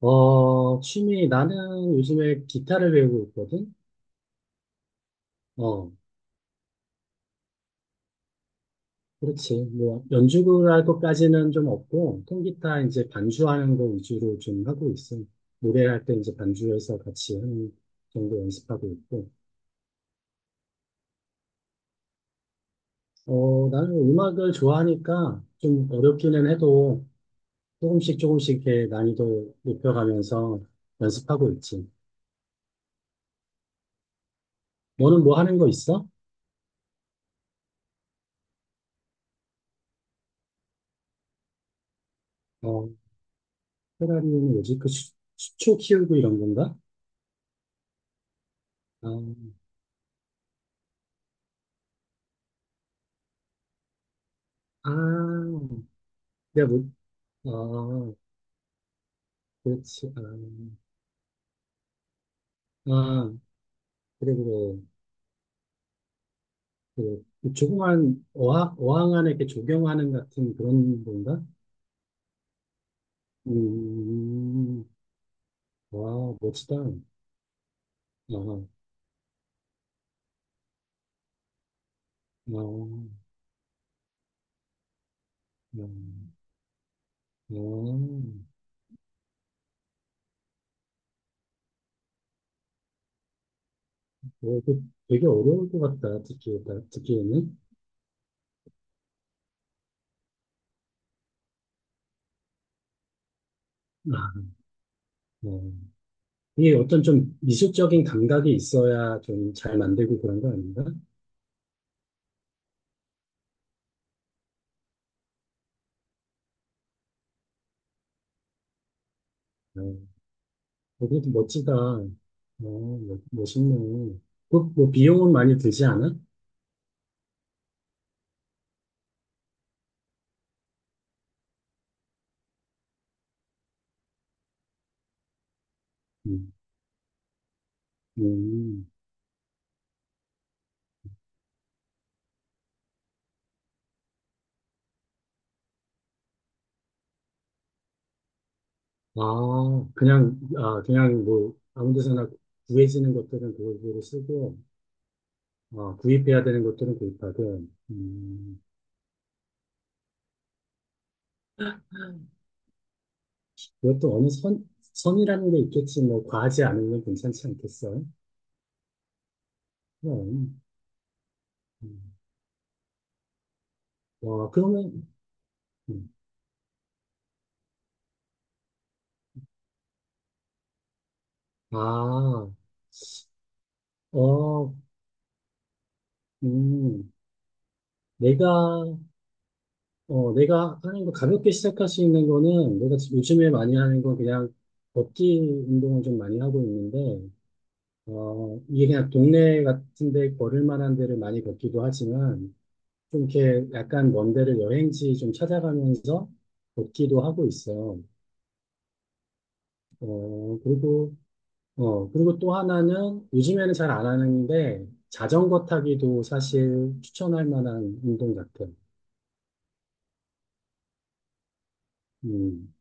취미, 나는 요즘에 기타를 배우고 있거든? 어, 그렇지. 뭐, 연주를 할 것까지는 좀 없고, 통기타 이제 반주하는 거 위주로 좀 하고 있어. 노래할 때 이제 반주해서 같이 하는 정도 연습하고 있고. 나는 음악을 좋아하니까 좀 어렵기는 해도 조금씩 조금씩 이렇게 난이도 높여가면서 연습하고 있지. 너는 뭐 하는 거 있어? 어, 페라리는 뭐지? 수초 키우고 이런 건가? 아, 아, 내가 못, 아, 그렇지. 아, 아, 그래, 그래. 그, 조그만 어항 안에 이렇게 조경하는 같은 그런 건가? 음, 와, 멋지다. 아, 아, 아, 아. 아. 어, 그 되게 어려울 것 같다, 듣기에는. 아, 어. 이게 어떤 좀 미술적인 감각이 있어야 좀 잘 만들고 그런 거 아닌가? 아. 거기도 멋지다. 어, 멋있네. 그, 뭐, 비용은 많이 들지 않아? 음, 음. 아, 그냥, 아, 그냥 뭐, 아무 데서나 구해지는 것들은 그걸 로 쓰고, 아, 구입해야 되는 것들은 구입하고, 그것도 어느 선이라는 게 있겠지. 뭐, 과하지 않으면 괜찮지 않겠어? 그럼. 음. 와, 그러면, 음. 아, 어, 음, 내가 내가 하는 거 가볍게 시작할 수 있는 거는 내가 지금 요즘에 많이 하는 건 그냥 걷기 운동을 좀 많이 하고 있는데, 이게 그냥 동네 같은데 걸을 만한 데를 많이 걷기도 하지만, 좀 이렇게 약간 먼 데를 여행지 좀 찾아가면서 걷기도 하고 있어. 어, 그리고, 어, 그리고 또 하나는 요즘에는 잘 안 하는데, 자전거 타기도 사실 추천할 만한 운동 같아. 음,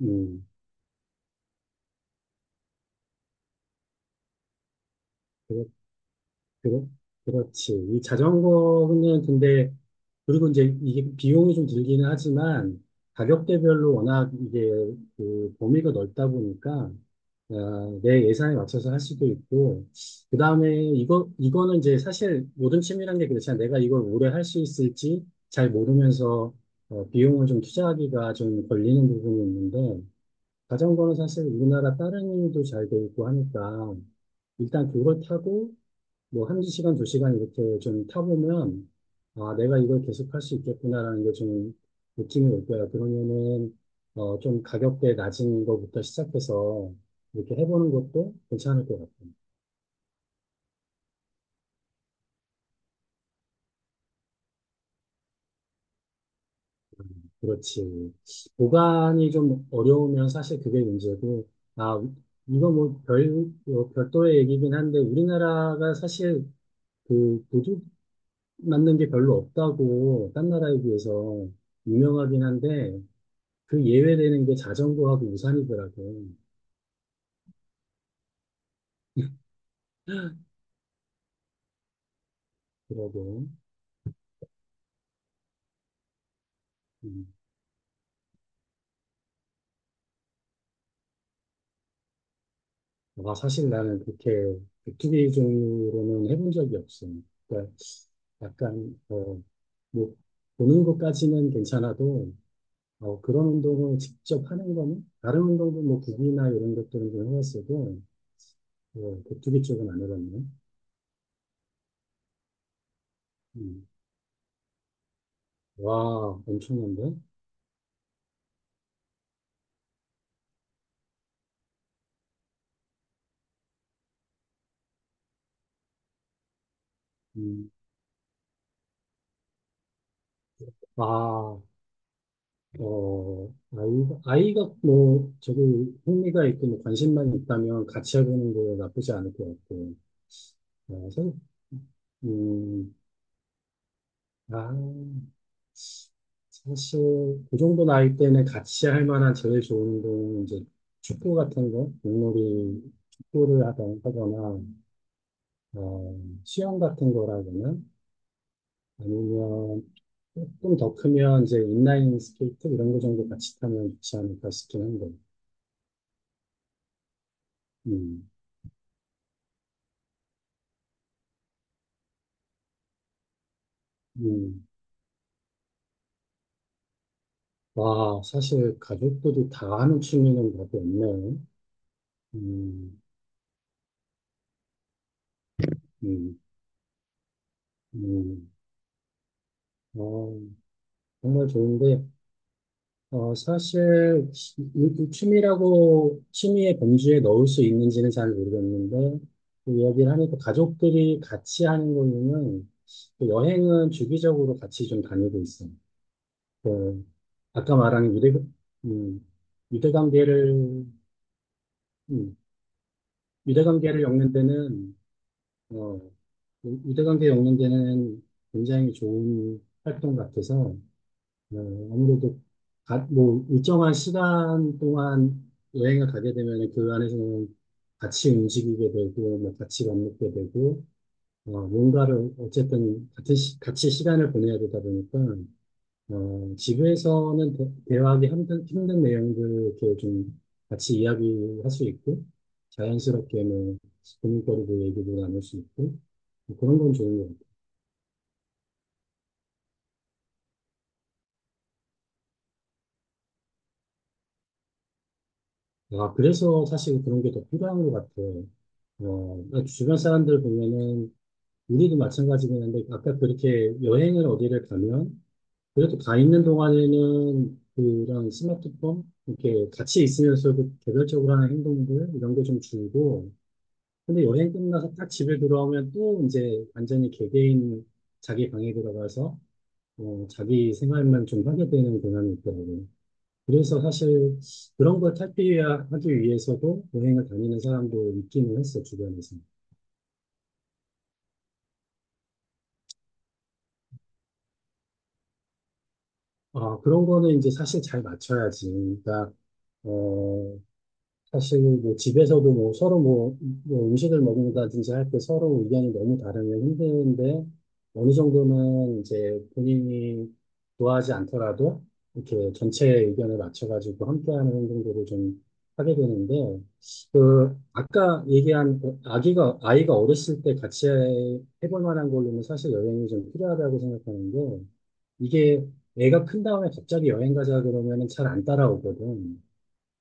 음. 그렇 그렇지. 이 자전거는 근데, 그리고 이제 이게 비용이 좀 들기는 하지만, 가격대별로 워낙 이게 그 범위가 넓다 보니까, 내 예산에 맞춰서 할 수도 있고, 그 다음에 이거는 이제 사실 모든 취미란 게 그렇잖아. 내가 이걸 오래 할 수 있을지 잘 모르면서, 비용을 좀 투자하기가 좀 걸리는 부분이 있는데, 자전거는 사실 우리나라 다른 일도 잘 돼 있고 하니까, 일단 그걸 타고 뭐 두 시간 이렇게 좀 타보면 아 내가 이걸 계속 할 수 있겠구나라는 게 좀 느낌이 올 거야. 그러면은 어 좀 가격대 낮은 거부터 시작해서 이렇게 해보는 것도 괜찮을 것 같아. 그렇지. 보관이 좀 어려우면 사실 그게 문제고 아 이거 뭐별 별도의 얘기긴 한데 우리나라가 사실 그 도둑 맞는 게 별로 없다고 딴 나라에 비해서 유명하긴 한데 그 예외되는 게 자전거하고 우산이더라고요. 그러고. 음. 아, 사실 나는 그렇게 백투기 종류로는 해본 적이 없어요. 그러니까 약간, 어, 뭐, 보는 것까지는 괜찮아도, 그런 운동을 직접 하는 거는, 다른 운동도 뭐, 구기나 이런 것들은 좀 해봤어도, 격투기 쪽은 안 해봤네. 음. 와, 엄청난데? 음. 아, 어, 아이가 뭐, 저기 흥미가 있고 뭐 관심만 있다면 같이 해보는 거 나쁘지 않을 것 같고. 그래서, 음, 아, 사실, 그 정도 나이 때는 같이 할 만한 제일 좋은 운동은 이제 축구 같은 거, 공놀이, 하거나, 어, 수영 같은 거라거나, 아니면 조금 더 크면 이제 인라인 스케이트 이런 거 정도 같이 타면 좋지 않을까 싶긴 한데. 음, 음. 와, 사실 가족들이 다 하는 취미는 답이 없네요. 음, 음, 음. 어, 정말 좋은데, 어, 사실 이 취미라고 취미의 범주에 넣을 수 있는지는 잘 모르겠는데, 그 이야기를 하니까 가족들이 같이 하는 거는 그 여행은 주기적으로 같이 좀 다니고 있어요. 그 아까 말한 유대, 음, 유대관계를, 음, 유대관계를 엮는 데는 유대관계 연관되는 굉장히 좋은 활동 같아서 어, 아무래도 뭐 일정한 시간 동안 여행을 가게 되면 그 안에서는 같이 움직이게 되고 뭐 같이 밥 먹게 되고 뭔가를 어쨌든 같이 시간을 보내야 되다 보니까 집에서는 대화하기 힘든 내용들을 이렇게 좀 같이 이야기할 수 있고 자연스럽게 뭐 고민거리도 얘기도 나눌 수 있고 뭐 그런 건 좋은 것 같아요. 아, 그래서 사실 그런 게 더 필요한 것 같아. 그러니까 주변 사람들 보면은, 우리도 마찬가지긴 한데, 아까 그렇게 여행을 어디를 가면, 그래도 가 있는 동안에는 그런 스마트폰, 이렇게 같이 있으면서도 개별적으로 하는 행동들, 이런 게 좀 줄고, 근데 여행 끝나서 딱 집에 돌아오면 또 이제 완전히 개개인 자기 방에 들어가서, 자기 생활만 좀 하게 되는 경향이 있더라고요. 그래서 사실 그런 걸 탈피하기 위해서도 여행을 다니는 사람도 있기는 했어, 주변에서. 아, 그런 거는 이제 사실 잘 맞춰야지. 그러니까, 어, 사실 뭐 집에서도 뭐 서로 뭐, 뭐 음식을 먹는다든지 할 때 서로 의견이 너무 다르면 힘든데 어느 정도는 이제 본인이 좋아하지 않더라도 이렇게 전체의 의견을 맞춰가지고 함께하는 행동들을 좀 하게 되는데 그 아까 얘기한 그 아기가 아이가 어렸을 때 같이 해볼 만한 걸로는 사실 여행이 좀 필요하다고 생각하는 게 이게 애가 큰 다음에 갑자기 여행 가자 그러면은 잘 안 따라오거든.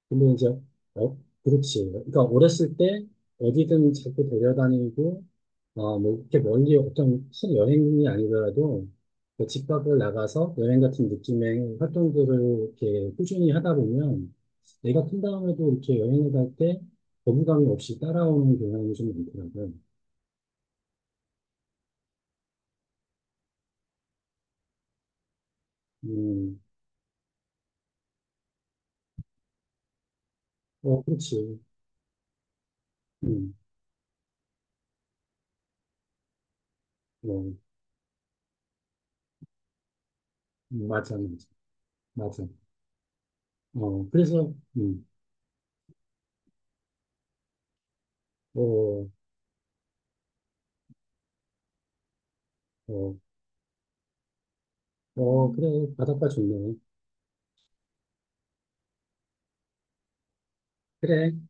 근데 이제, 어, 그렇지. 그러니까 어렸을 때 어디든 자꾸 데려다니고, 어, 뭐, 이렇게 멀리 어떤 큰 여행이 아니더라도 그집 밖을 나가서 여행 같은 느낌의 활동들을 이렇게 꾸준히 하다 보면 내가 큰 다음에도 이렇게 여행을 갈 때 거부감이 없이 따라오는 경향이 좀 많더라고요. 음, 어, 그렇지. 음, 어, 맞아, 맞아. 맞아. 어, 그래서, 어, 어, 어, 그래. 바닷가 좋네. 그래.